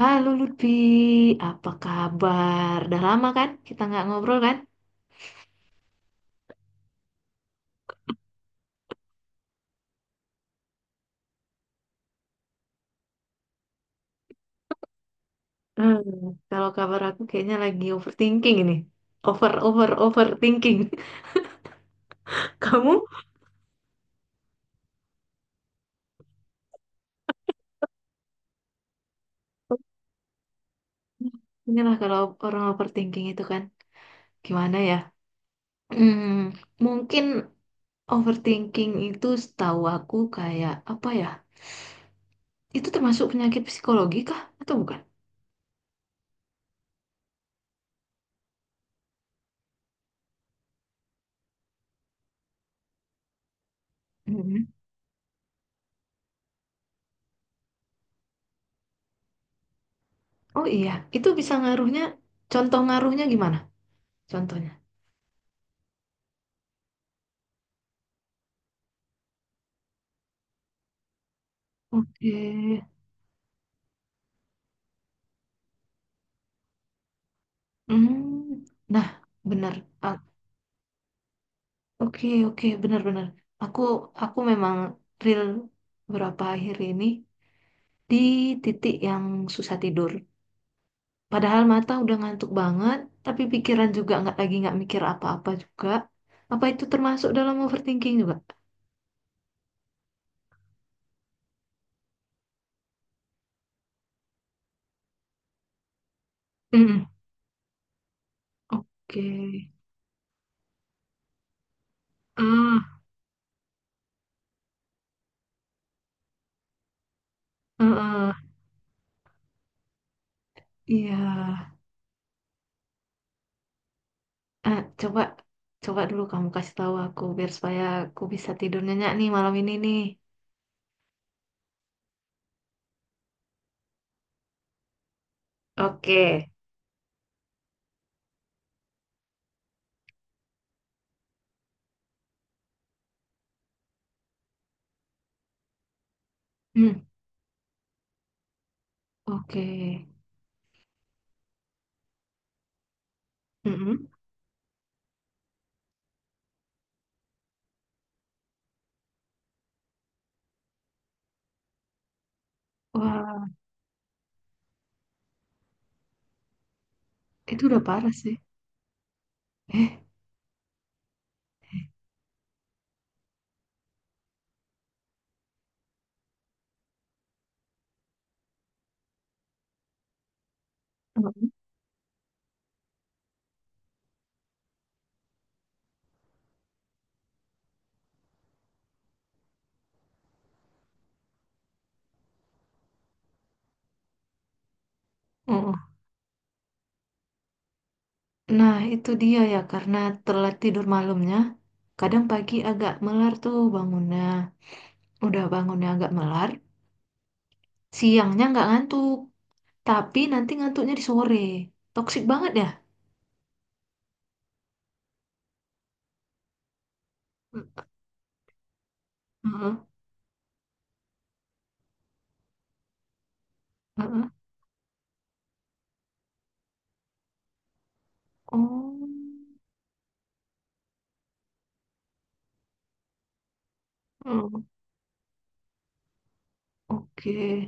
Halo Lutfi, apa kabar? Udah lama kan? Kita nggak ngobrol kan? Hmm, Kalau kabar aku kayaknya lagi overthinking ini. Over, over, Overthinking. Kamu? Inilah kalau orang overthinking itu kan. Gimana ya? Hmm, Mungkin overthinking itu setahu aku kayak apa ya? Itu termasuk penyakit psikologi kah? Atau bukan? Mhm. Oh iya, itu bisa ngaruhnya. Contoh ngaruhnya gimana? Contohnya. Oke. Hmm, nah, benar. Ah, oke, oke, benar-benar. Aku, aku memang real beberapa akhir ini di titik yang susah tidur. Padahal mata udah ngantuk banget, tapi pikiran juga nggak lagi nggak mikir apa-apa juga. Apa itu termasuk dalam overthinking juga? Hmm, oke. Ah, ah, ah. Iya. Ah, coba, coba dulu kamu kasih tahu aku biar supaya aku bisa tidur nyenyak nih malam ini nih. Oke. Hmm. Oke. Mm-mm. Wah, itu udah parah sih. Eh, Mm-mm. Mm. Nah, itu dia ya, karena telat tidur malamnya. Kadang pagi agak melar tuh bangunnya. Udah bangunnya agak melar, siangnya nggak ngantuk. Tapi nanti ngantuknya di sore. Toksik banget ya? Mm-mm. Mm. Oh, oh, oke.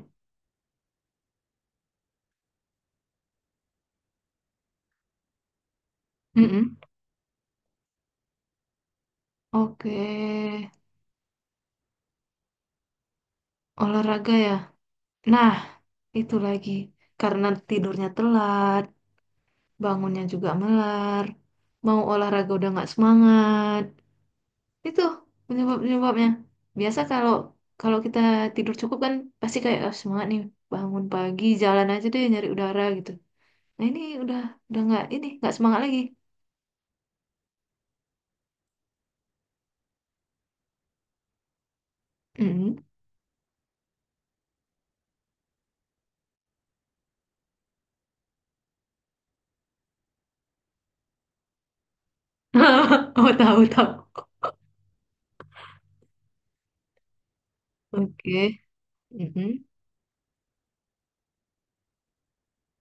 Mm-mm. Oke. Olahraga ya. Nah, itu lagi. Karena tidurnya telat, bangunnya juga melar, mau olahraga udah nggak semangat. Itu penyebab-penyebabnya. Biasa kalau kalau kita tidur cukup kan pasti kayak "Ah, semangat nih, bangun pagi jalan aja deh nyari udara gitu." Nah ini udah nggak semangat lagi. Mm. Oh, tahu tahu. Oke. Mm-mm.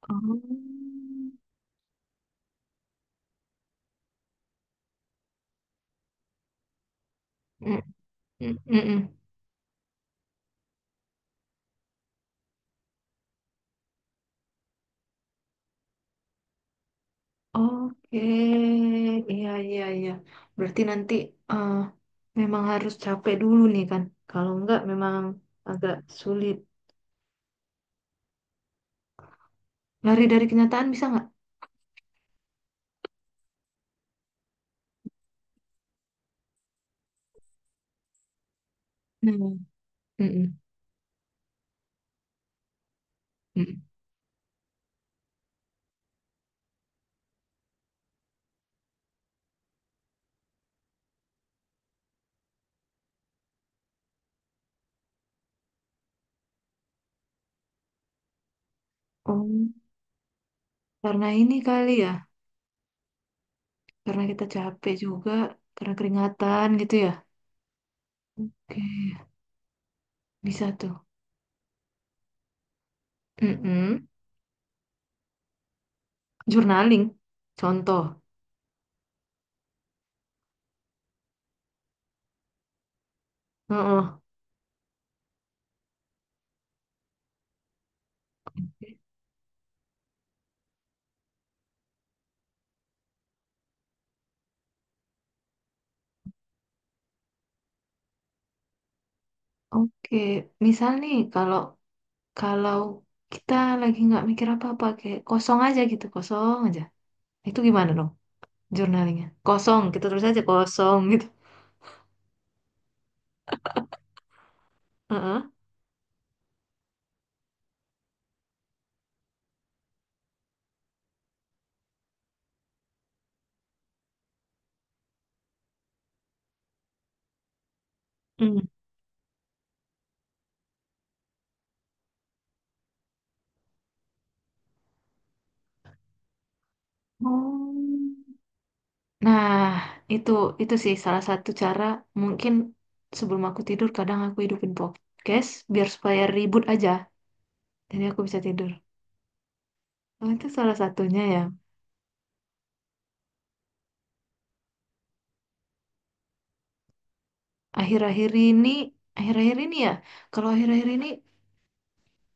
Oh. Mm-mm. Mm-mm. Oke, iya iya iya. Berarti nanti eh, memang harus capek dulu nih kan. Kalau enggak memang agak sulit. Lari dari kenyataan bisa nggak? Nah, mm-mm, mm-mm. Oh, karena ini kali ya. Karena kita capek juga, karena keringatan gitu ya. Oke, bisa tuh. Mm-mm. Journaling, contoh. Heeh. Oke, misal nih kalau kalau kita lagi nggak mikir apa-apa, kayak kosong aja gitu, kosong aja. Itu gimana dong jurnalnya? Kosong, kita tulis aja kosong gitu. Heeh. Hmm. Oh. Nah, itu itu sih salah satu cara mungkin sebelum aku tidur kadang aku hidupin podcast biar supaya ribut aja. Jadi aku bisa tidur. Oh, itu salah satunya ya. Akhir-akhir ini, Akhir-akhir ini ya. Kalau akhir-akhir ini,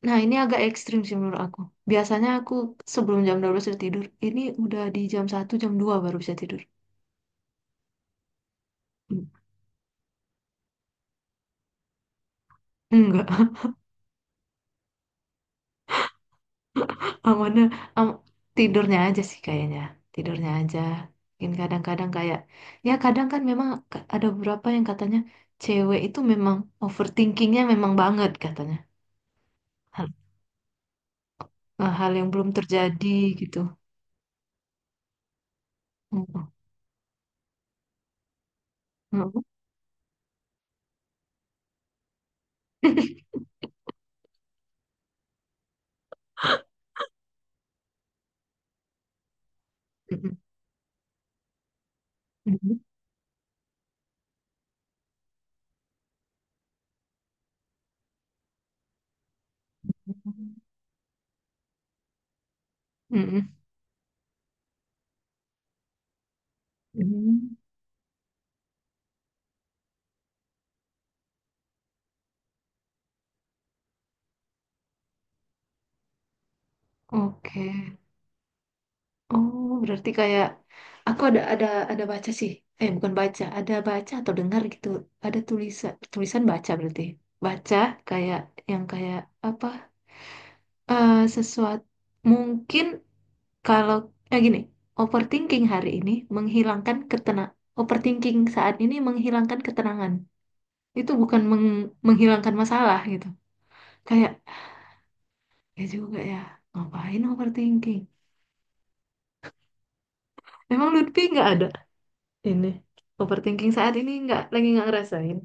nah, ini agak ekstrim sih menurut aku. Biasanya aku sebelum jam 12 sudah tidur. Ini udah di jam satu jam dua baru bisa tidur. Hmm. Enggak, amannya am tidurnya aja sih kayaknya. Tidurnya aja. Mungkin kadang-kadang kayak, ya kadang kan memang ada beberapa yang katanya cewek itu memang overthinkingnya memang banget katanya. Hal, Hal yang belum terjadi gitu. Mm-mm. Mm-mm. Mm-mm. Mm-mm. Mm-mm. Mm-mm. Oke. Oh, berarti kayak aku ada ada baca sih. Eh, bukan baca, ada baca atau dengar gitu. Ada tulisan tulisan baca berarti. Baca kayak yang kayak apa? Eh, sesuatu mungkin kalau eh gini, overthinking hari ini menghilangkan overthinking saat ini menghilangkan ketenangan. Itu bukan menghilangkan masalah gitu. Kayak ya juga ya. Ngapain overthinking? Emang Lutfi nggak ada ini overthinking saat ini nggak lagi nggak ngerasain.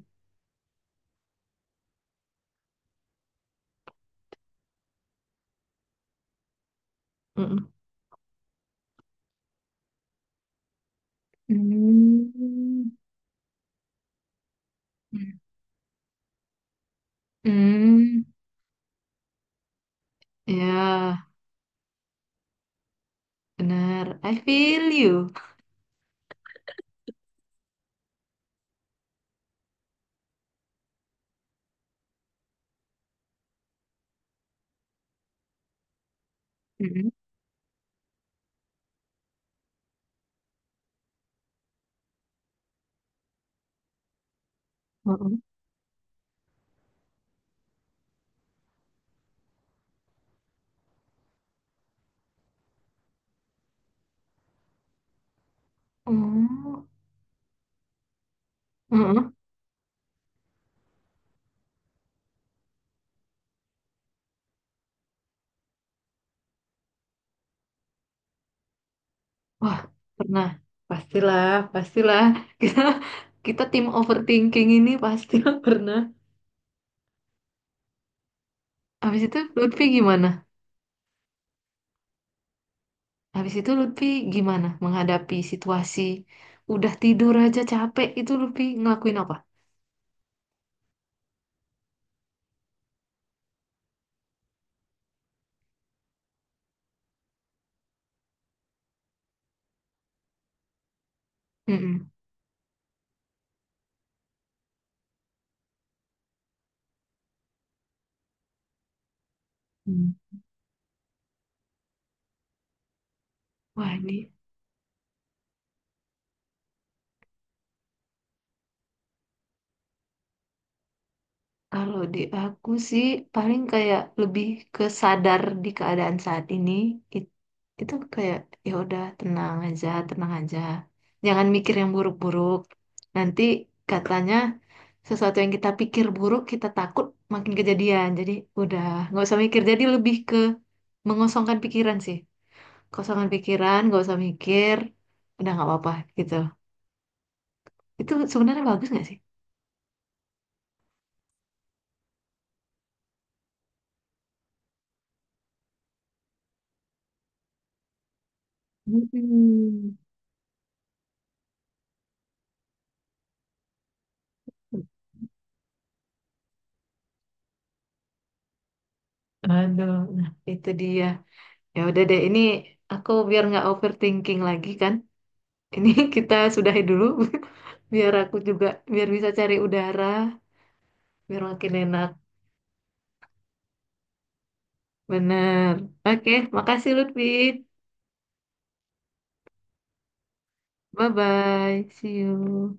Mm-mm. Hmm. Hmm. Ya, benar. I feel you. Hmm. Mm-mm. Mm. Mm-mm. Wah, pernah. Pastilah, pastilah. Kita, Kita tim overthinking ini pastilah pernah. Habis itu Lutfi gimana? Habis itu Lutfi gimana menghadapi situasi udah tidur aja capek itu Lutfi ngelakuin apa? Mm-mm. Hmm. Wah, ini kalau di aku sih paling kayak lebih ke sadar di keadaan saat ini. It- itu kayak ya udah tenang aja, tenang aja. Jangan mikir yang buruk-buruk. Nanti katanya sesuatu yang kita pikir buruk, kita takut makin kejadian. Jadi udah nggak usah mikir. Jadi lebih ke mengosongkan pikiran sih. Kosongan pikiran, nggak usah mikir. Udah nggak apa-apa gitu. Itu sebenarnya bagus nggak sih? Hmm. Aduh, nah itu dia. Ya udah deh, ini aku biar nggak overthinking lagi kan. Ini kita sudahi dulu, biar aku juga biar bisa cari udara, biar makin enak. Bener. Oke, makasih Lutfi. Bye bye. See you.